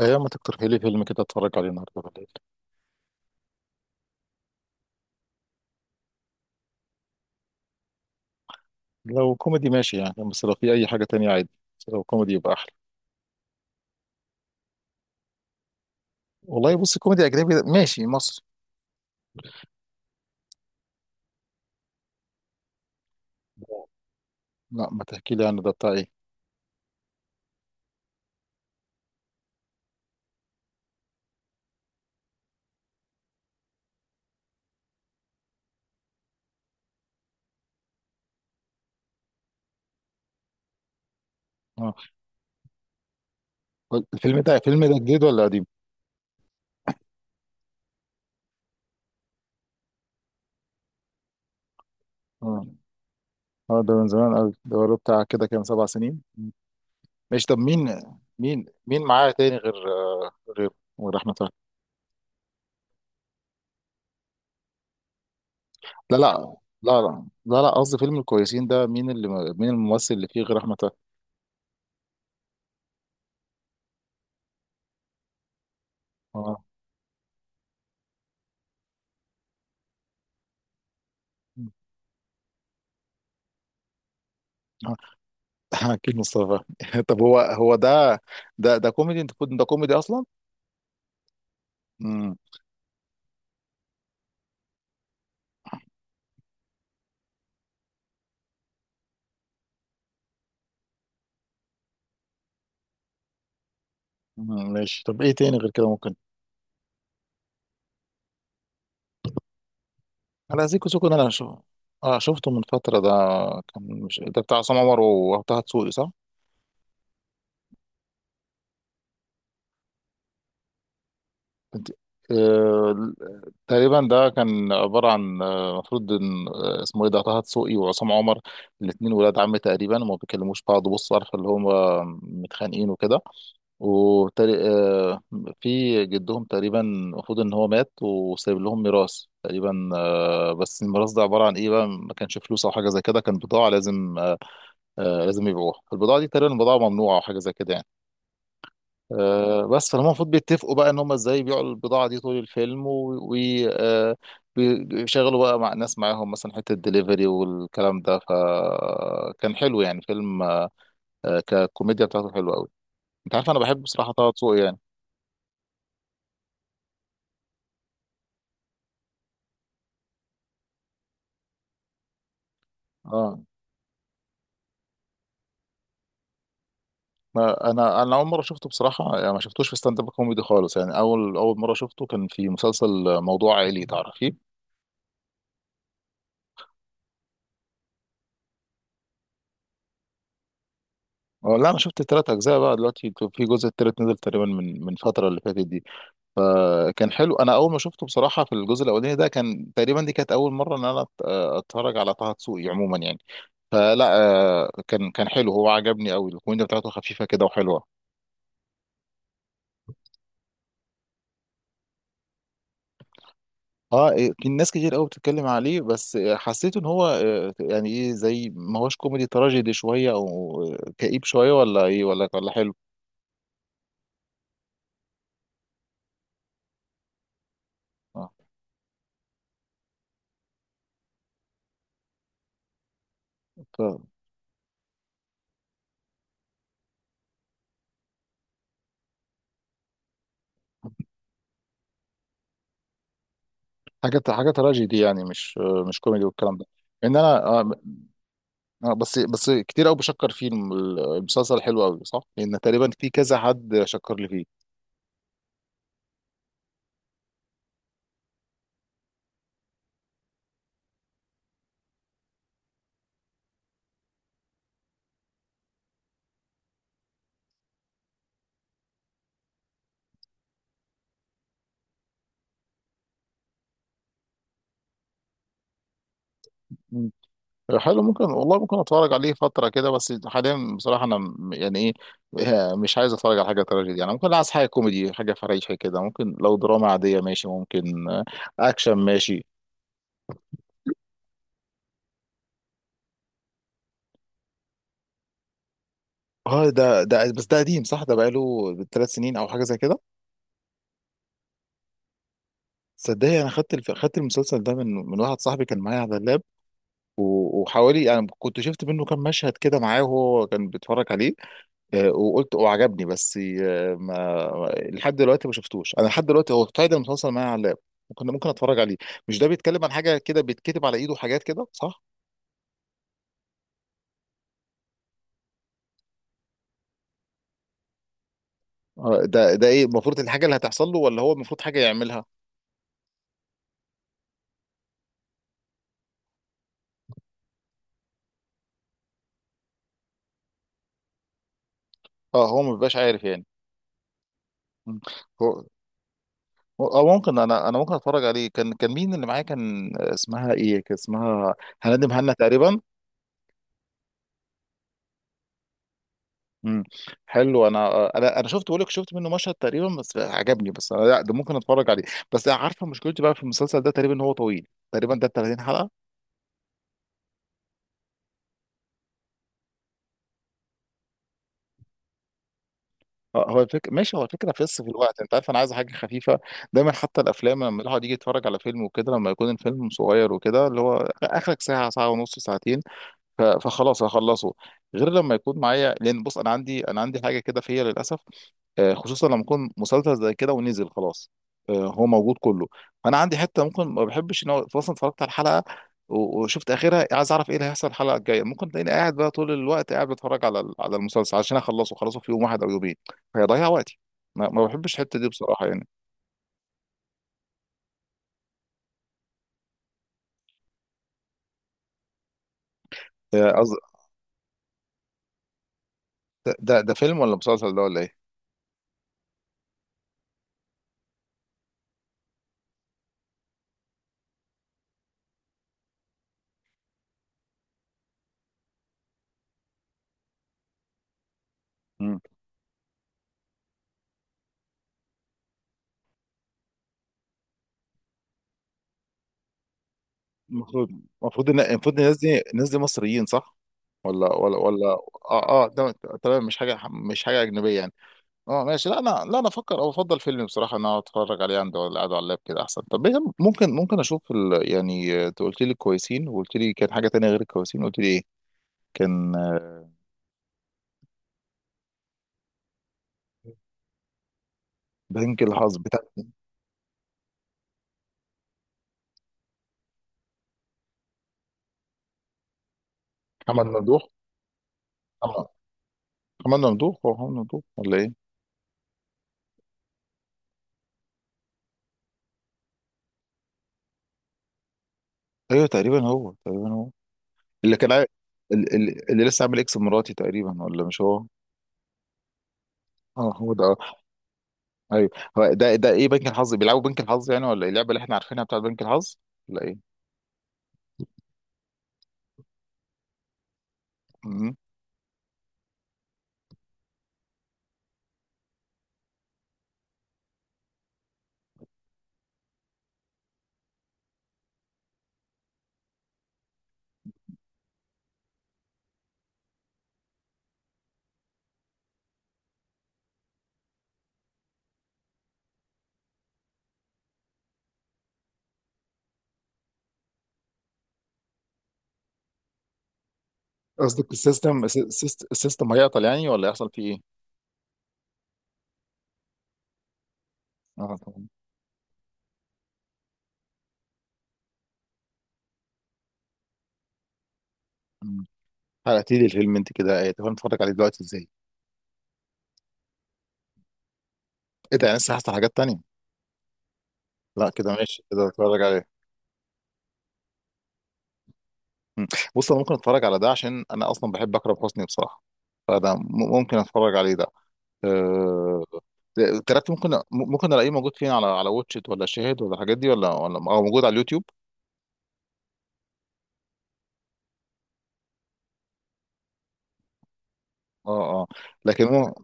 ايام ما تقترحي لي فيلم كده اتفرج عليه النهارده بالليل. لو كوميدي ماشي يعني، بس لو في اي حاجه تانية عادي. بس لو كوميدي يبقى احلى. والله بص، كوميدي اجنبي ماشي مصر. لا ما تحكي لي عنه، ده بتاع ايه؟ اه. الفيلم ده جديد ولا قديم؟ اه. ده من زمان قوي، ده بقاله بتاع كده كام 7 سنين. مم. ماشي طب مين؟ مين معاه تاني غير آه، غير غير احمد فهمي؟ لا لا لا لا لا لا، قصدي فيلم الكويسين ده مين اللي، مين الممثل اللي فيه غير احمد فهمي؟ اه اكيد مصطفى طب هو ده كوميدي، انت كنت ده كوميدي اصلا؟ امم ماشي، طب ايه تاني غير كده ممكن؟ انا زيكو سيكو ده انا اه شفته من فتره ده. كان مش ده بتاع عصام عمر وطه دسوقي صح؟ انت. آه... تقريبا ده كان عباره عن، المفروض ان، اسمه ايه ده، طه دسوقي وعصام عمر الاثنين ولاد عم تقريبا، وما بيكلموش بعض، بص عارف اللي هم متخانقين وكده. وتري... آه، في جدهم تقريبا، المفروض ان هو مات وسايب لهم ميراث تقريبا، بس الميراث ده عباره عن ايه بقى، ما كانش فلوس او حاجه زي كده، كان بضاعه لازم، لازم يبيعوها. البضاعه دي تقريبا بضاعه ممنوعه او حاجه زي كده يعني. بس فهم، المفروض بيتفقوا بقى ان هم ازاي يبيعوا البضاعه دي طول الفيلم، ويشغلوا بقى مع ناس معاهم مثلا، حته الدليفري والكلام ده. فكان حلو يعني فيلم، ككوميديا بتاعته حلوه قوي. انت عارف انا بحب بصراحه طه دسوقي يعني. اه ما انا اول مره شفته بصراحه، يعني ما شفتوش في ستاند اب كوميدي خالص، يعني اول مره شفته كان في مسلسل موضوع عائلي تعرفيه. لا انا شفت الثلاث اجزاء بقى، دلوقتي في جزء التالت نزل تقريبا من فتره اللي فاتت دي. فكان حلو. انا اول ما شفته بصراحه في الجزء الاولاني ده، كان تقريبا دي كانت اول مره ان انا اتفرج على طه دسوقي عموما يعني. فلا، كان حلو، هو عجبني قوي الكوميديا بتاعته خفيفه كده وحلوه. اه إيه، في ناس كتير قوي بتتكلم عليه، بس حسيت ان هو، يعني ايه، زي ما هوش كوميدي، تراجيدي شويه او كئيب شويه، ولا ايه، ولا حلو؟ اه. ف- حاجه تراجيدي يعني، مش مش كوميدي والكلام ده. ان انا بس كتير قوي بشكر فيه المسلسل، حلو قوي صح؟ لان تقريبا في كذا حد شكر لي فيه. حلو، ممكن والله، ممكن اتفرج عليه فترة كده، بس حاليا بصراحة انا يعني ايه مش عايز اتفرج على حاجة تراجيدي يعني، ممكن عايز حاجة كوميدي، حاجة فريحة كده، ممكن لو دراما عادية ماشي ممكن، اكشن ماشي. اه ده بس ده قديم صح، ده بقاله 3 سنين او حاجة زي كده. صدقني انا خدت المسلسل ده من واحد صاحبي، كان معايا على اللاب. وحوالي يعني كنت شفت منه كام مشهد كده معاه وهو كان بيتفرج عليه. وقلت وعجبني، بس ما لحد دلوقتي ما شفتوش، انا لحد دلوقتي هو تايدن متواصل معايا على اللاب. ممكن اتفرج عليه. مش ده بيتكلم عن حاجه كده بيتكتب على ايده حاجات كده صح؟ ده ايه المفروض، الحاجه اللي هتحصل له ولا هو المفروض حاجه يعملها؟ اه هو ما بيبقاش عارف يعني. مم. هو اه ممكن، انا ممكن اتفرج عليه. كان مين اللي معايا، كان اسمها ايه، كان اسمها هندم، هنا تقريبا. مم. حلو، انا انا شفت، بقول لك شفت منه مشهد تقريبا بس عجبني، بس انا لا ده ممكن اتفرج عليه. بس عارفه مشكلتي بقى في المسلسل ده تقريبا، إن هو طويل، تقريبا ده 30 حلقه. هو الفكره ماشي، هو الفكره فيس في الوقت، انت عارف انا عايز حاجه خفيفه. دايما حتى الافلام لما الواحد يجي يتفرج على فيلم وكده، لما يكون الفيلم صغير وكده، اللي هو اخرك ساعه، ساعه ونص، ساعتين، فخلاص هخلصه. غير لما يكون معايا، لان بص انا عندي، انا عندي حاجه كده فيا للاسف، خصوصا لما يكون مسلسل زي كده، ونزل خلاص هو موجود كله. فانا عندي حته ممكن ما بحبش، ان هو مثلا اتفرجت على الحلقه وشفت اخرها، عايز اعرف ايه اللي هيحصل الحلقه الجايه. ممكن تلاقيني قاعد بقى طول الوقت قاعد بتفرج على على المسلسل عشان اخلصه، خلصه في يوم واحد او يومين فيضيع وقتي. ما بحبش الحته دي بصراحه يعني. آه، قصد- ده ده فيلم ولا مسلسل ده ولا ايه؟ مم. المفروض، المفروض ان، المفروض الناس دي، الناس دي مصريين صح، ولا اه اه تمام. تمام، مش حاجه، مش حاجه اجنبيه يعني. اه ماشي، لا انا، لا انا افكر او افضل فيلم بصراحه ان انا اتفرج عليه، عند ولا قاعد على اللاب كده احسن. طب إيه، ممكن اشوف يعني انت قلت لي الكويسين، وقلت لي كان حاجه تانية غير الكويسين، قلت لي ايه؟ كان بنك الحظ بتاع محمد ممدوح. محمد، محمد ممدوح، هو محمد ممدوح ولا ايه؟ ايوه تقريبا هو، تقريبا هو اللي كان عا- ال- ال- اللي لسه عامل اكس مراتي تقريبا، ولا مش هو؟ اه هو ده آه. ايوه هو ده. ده ايه، بنك الحظ، بيلعبوا بنك الحظ يعني ولا إيه؟ اللعبه اللي احنا عارفينها بتاعت بنك الحظ ولا ايه؟ قصدك السيستم، السيستم هيعطل يعني، ولا يحصل فيه ايه؟ اه طبعا. مم. حرقتي لي الفيلم انت كده، ايه، طب انا اتفرج عليه دلوقتي ازاي؟ ايه ده يعني لسه هحصل حاجات تانية؟ لا كده ماشي، كده اتفرج عليه. مم. بص انا ممكن اتفرج على ده عشان انا اصلا بحب اكرم حسني بصراحة، فده ممكن اتفرج عليه ده. آه، التلاتة، ممكن ممكن الاقيه موجود فين، على على واتشت ولا شاهد ولا الحاجات دي، ولا او موجود على اليوتيوب؟ اه. اه لكن هو-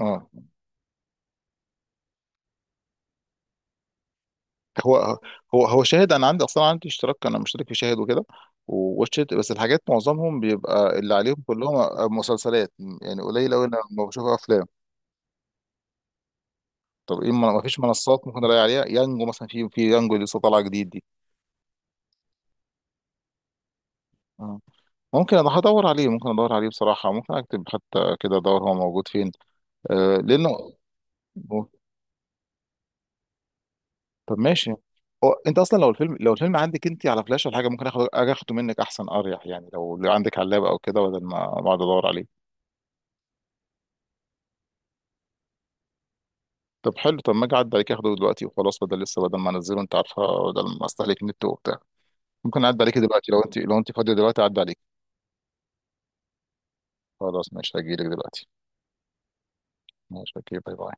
اه هو، هو شاهد انا عندي، اصلا عندي اشتراك، انا مشترك في شاهد وكده، وواتشت، بس الحاجات معظمهم بيبقى اللي عليهم كلهم مسلسلات. يعني قليل قوي انا ما بشوف افلام. طب ايه، ما فيش منصات ممكن الاقي عليها، يانجو مثلا، في في يانجو اللي لسه طالعه جديد دي؟ آه. ممكن، انا هدور عليه، ممكن ادور عليه بصراحه، ممكن اكتب حتى كده ادور هو موجود فين. آه لانه، طب ماشي. هو انت اصلا لو الفيلم، لو الفيلم عندك انت على فلاش ولا حاجه، ممكن اخد، اجي اخده منك احسن، اريح يعني، لو لو عندك علاب او كده، بدل ما اقعد ادور عليه. طب حلو، طب ما اجي اعدي عليك اخده دلوقتي وخلاص، بدل لسه، بدل ما انزله، انت عارفه، بدل ما استهلك نت وبتاع. ممكن اعدي عليك دلوقتي لو انت، لو انت فاضيه دلوقتي اعدي عليك. خلاص ماشي، هجيلك دلوقتي. ماشي اوكي، باي باي.